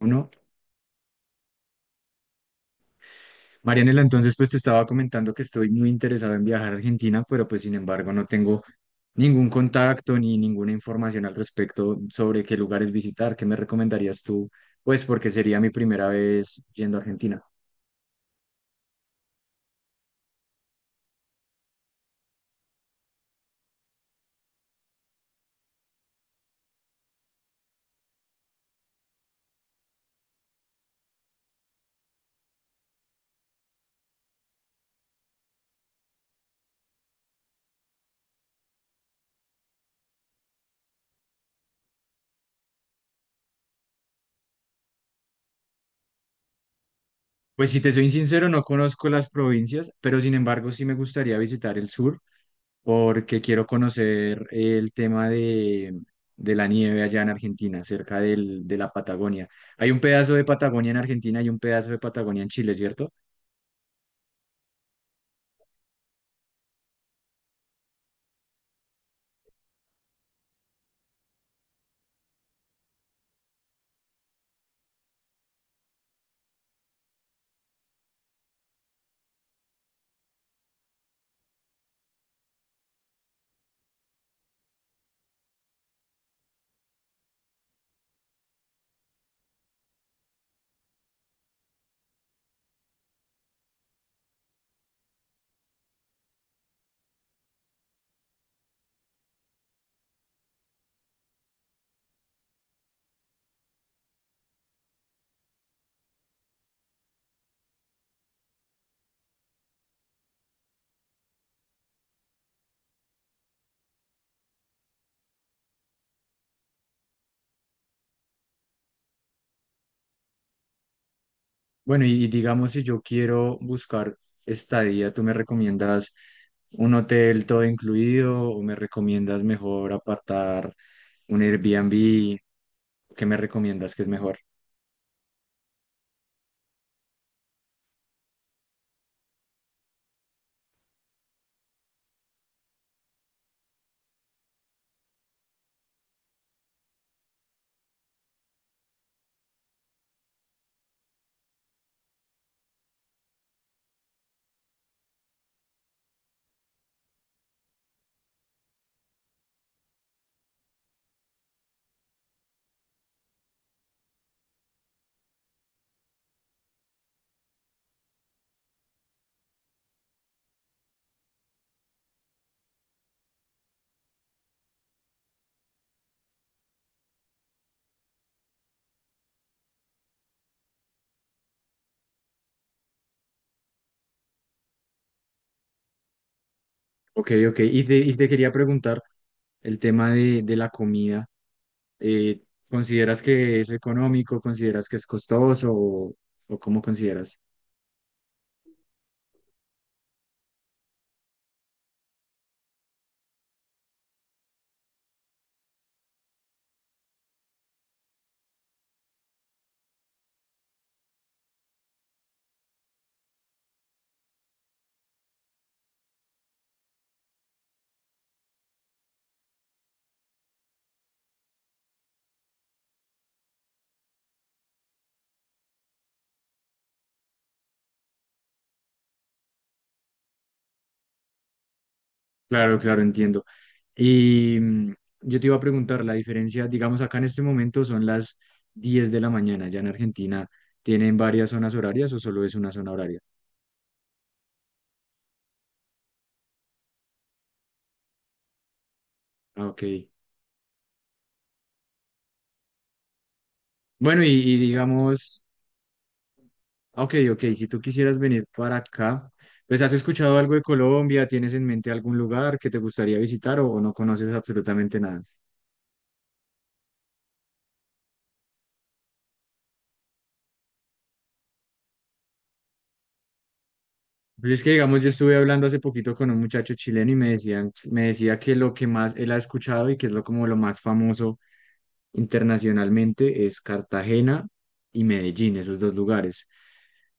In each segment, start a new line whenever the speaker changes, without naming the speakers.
Uno, Marianela, entonces pues te estaba comentando que estoy muy interesado en viajar a Argentina, pero pues sin embargo no tengo ningún contacto ni ninguna información al respecto sobre qué lugares visitar. ¿Qué me recomendarías tú? Pues porque sería mi primera vez yendo a Argentina. Pues si te soy sincero, no conozco las provincias, pero sin embargo sí me gustaría visitar el sur porque quiero conocer el tema de la nieve allá en Argentina, cerca de la Patagonia. Hay un pedazo de Patagonia en Argentina y un pedazo de Patagonia en Chile, ¿cierto? Bueno, y digamos, si yo quiero buscar estadía, ¿tú me recomiendas un hotel todo incluido o me recomiendas mejor apartar un Airbnb? ¿Qué me recomiendas que es mejor? Ok, ok. Y te quería preguntar el tema de la comida. eh, ¿Consideras que es económico? ¿Consideras que es costoso? O cómo consideras? Claro, claro, entiendo. Y yo te iba a preguntar la diferencia, digamos, acá en este momento son las 10 de la mañana, ya en Argentina tienen varias zonas horarias o solo es una zona horaria. Ah, ok. Bueno, y digamos, ok, ok, si tú quisieras venir para acá, pues ¿has escuchado algo de Colombia? ¿Tienes en mente algún lugar que te gustaría visitar o no conoces absolutamente nada? Pues es que, digamos, yo estuve hablando hace poquito con un muchacho chileno y me decía que lo que más él ha escuchado y que es lo como lo más famoso internacionalmente es Cartagena y Medellín, esos dos lugares.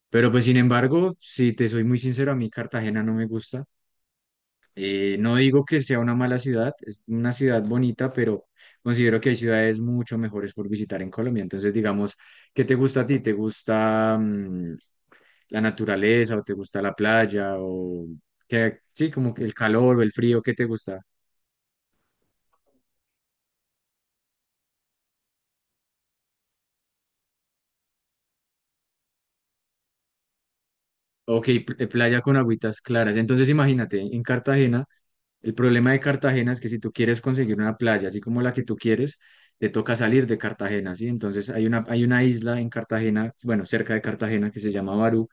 Pero pues sin embargo, si te soy muy sincero, a mí Cartagena no me gusta. No digo que sea una mala ciudad, es una ciudad bonita, pero considero que hay ciudades mucho mejores por visitar en Colombia. Entonces, digamos, ¿qué te gusta a ti? ¿Te gusta la naturaleza o te gusta la playa o que sí, como que el calor o el frío? ¿Qué te gusta? Ok, playa con agüitas claras. Entonces, imagínate, en Cartagena, el problema de Cartagena es que si tú quieres conseguir una playa así como la que tú quieres, te toca salir de Cartagena, ¿sí? Entonces hay una isla en Cartagena, bueno, cerca de Cartagena que se llama Barú,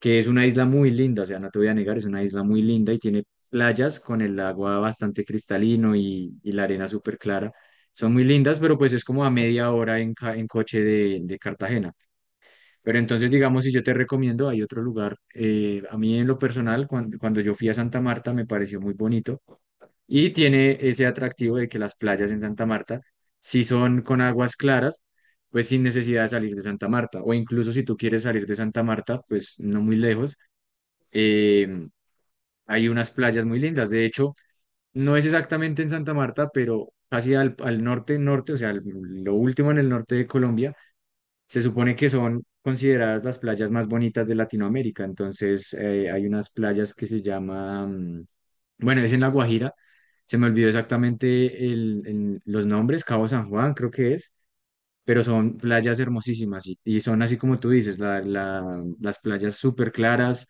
que es una isla muy linda, o sea, no te voy a negar, es una isla muy linda y tiene playas con el agua bastante cristalino y la arena súper clara. Son muy lindas, pero pues es como a media hora en coche de Cartagena. Pero entonces, digamos, si yo te recomiendo, hay otro lugar. A mí en lo personal, cuando yo fui a Santa Marta, me pareció muy bonito y tiene ese atractivo de que las playas en Santa Marta, si son con aguas claras, pues sin necesidad de salir de Santa Marta. O incluso si tú quieres salir de Santa Marta, pues no muy lejos, eh, hay unas playas muy lindas. De hecho, no es exactamente en Santa Marta, pero casi al, al norte, norte, o sea, lo último en el norte de Colombia, se supone que son consideradas las playas más bonitas de Latinoamérica. Entonces, hay unas playas que se llaman, bueno, es en La Guajira. Se me olvidó exactamente los nombres, Cabo San Juan creo que es, pero son playas hermosísimas y son así como tú dices, las playas súper claras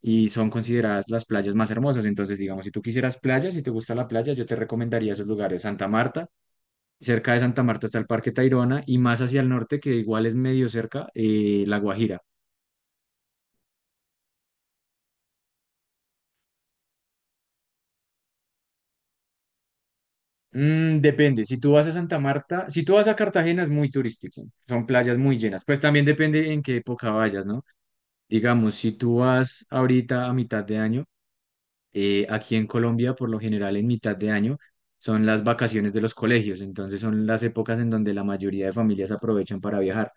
y son consideradas las playas más hermosas. Entonces, digamos, si tú quisieras playas, si te gusta la playa, yo te recomendaría esos lugares. Santa Marta, cerca de Santa Marta está el Parque Tayrona y más hacia el norte, que igual es medio cerca, La Guajira. Mm, depende, si tú vas a Santa Marta, si tú vas a Cartagena es muy turístico, son playas muy llenas, pero también depende en qué época vayas, ¿no? Digamos, si tú vas ahorita a mitad de año, aquí en Colombia por lo general en mitad de año son las vacaciones de los colegios, entonces son las épocas en donde la mayoría de familias aprovechan para viajar.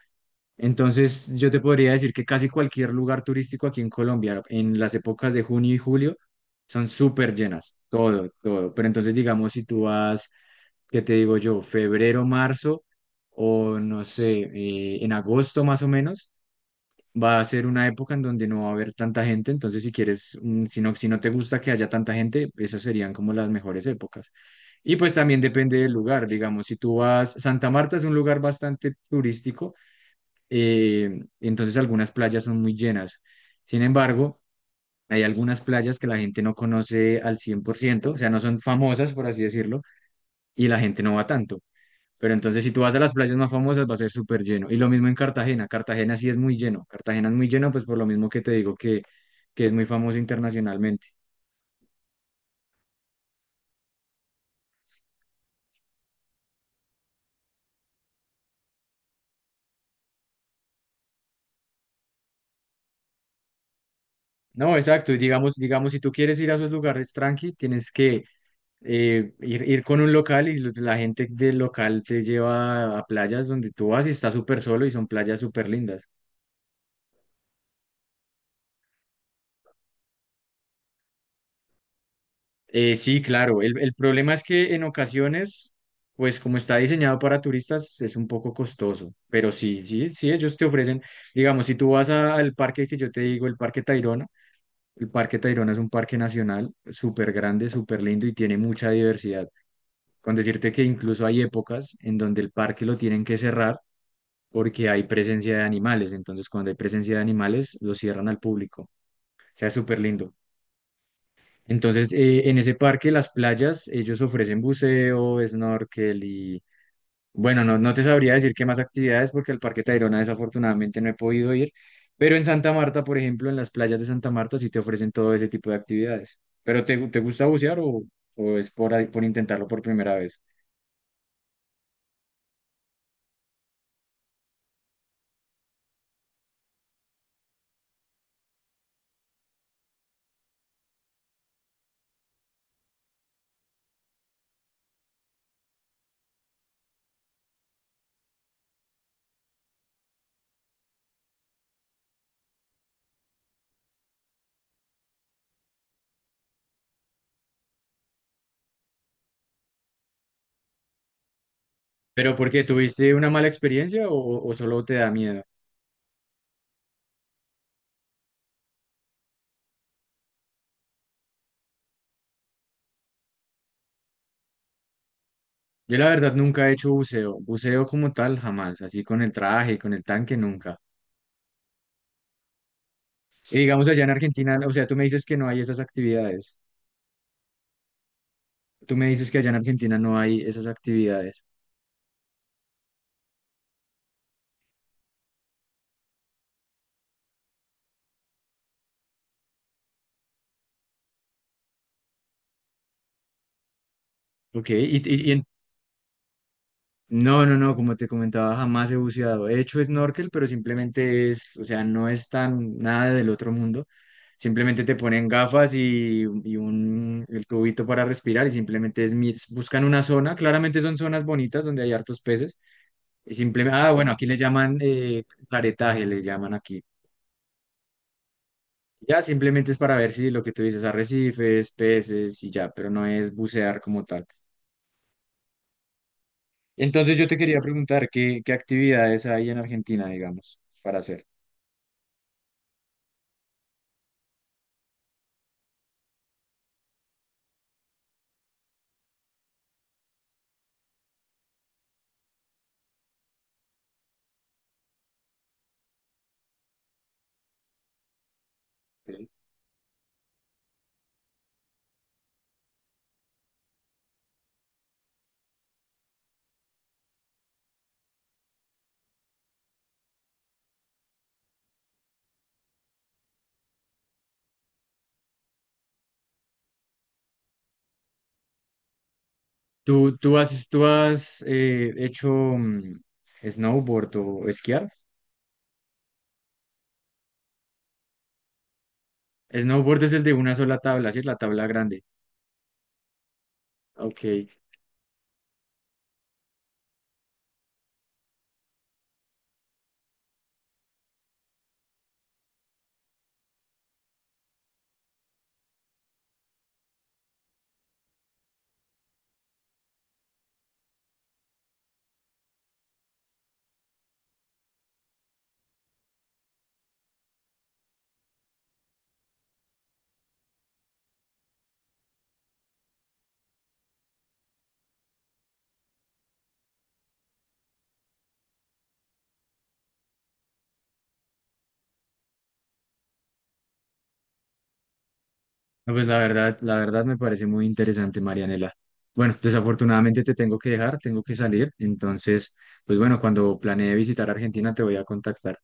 Entonces yo te podría decir que casi cualquier lugar turístico aquí en Colombia en las épocas de junio y julio son súper llenas, todo, todo, pero entonces digamos si tú vas, ¿qué te digo yo? Febrero, marzo o no sé, en agosto más o menos, va a ser una época en donde no va a haber tanta gente. Entonces, si quieres, si no, si no te gusta que haya tanta gente, esas serían como las mejores épocas. Y pues también depende del lugar, digamos, si tú vas, Santa Marta es un lugar bastante turístico, entonces algunas playas son muy llenas. Sin embargo, hay algunas playas que la gente no conoce al 100%, o sea, no son famosas, por así decirlo, y la gente no va tanto. Pero entonces si tú vas a las playas más famosas va a ser súper lleno. Y lo mismo en Cartagena. Cartagena sí es muy lleno. Cartagena es muy lleno pues por lo mismo que te digo que es muy famoso internacionalmente. No, exacto. Y digamos, digamos, si tú quieres ir a esos lugares tranqui, tienes que ir con un local y la gente del local te lleva a playas donde tú vas y está súper solo y son playas súper lindas. Sí, claro. El problema es que en ocasiones, pues como está diseñado para turistas, es un poco costoso. Pero sí, sí, sí, ellos te ofrecen, digamos, si tú vas al parque que yo te digo, el Parque Tayrona es un parque nacional súper grande, súper lindo y tiene mucha diversidad. Con decirte que incluso hay épocas en donde el parque lo tienen que cerrar porque hay presencia de animales. Entonces, cuando hay presencia de animales, lo cierran al público. O sea, súper lindo. Entonces, en ese parque, las playas, ellos ofrecen buceo, snorkel y, bueno, no, no te sabría decir qué más actividades porque al Parque Tayrona desafortunadamente no he podido ir, pero en Santa Marta, por ejemplo, en las playas de Santa Marta sí te ofrecen todo ese tipo de actividades. ¿Pero te gusta bucear o es por, por intentarlo por primera vez? ¿Pero por qué? ¿Tuviste una mala experiencia o solo te da miedo? Yo la verdad nunca he hecho buceo, buceo como tal jamás, así con el traje, y con el tanque, nunca. Y digamos allá en Argentina, o sea, tú me dices que no hay esas actividades. Tú me dices que allá en Argentina no hay esas actividades. Ok, y, y en- no, no, no, como te comentaba, jamás he buceado. He hecho snorkel, pero simplemente es, o sea, no es tan nada del otro mundo. Simplemente te ponen gafas y un, el tubito para respirar y simplemente es, buscan una zona. Claramente son zonas bonitas donde hay hartos peces. Y simplemente, ah, bueno, aquí le llaman caretaje, le llaman aquí. Ya simplemente es para ver si lo que tú dices, arrecifes, peces y ya, pero no es bucear como tal. Entonces yo te quería preguntar, ¿qué, qué actividades hay en Argentina, digamos, para hacer? Tú has hecho snowboard o esquiar? Snowboard es el de una sola tabla, ¿sí? La tabla grande. Ok. No, pues la verdad me parece muy interesante, Marianela. Bueno, desafortunadamente te tengo que dejar, tengo que salir. Entonces, pues bueno, cuando planee visitar Argentina te voy a contactar.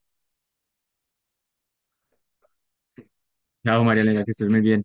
Chao, María Elena, que estés muy bien.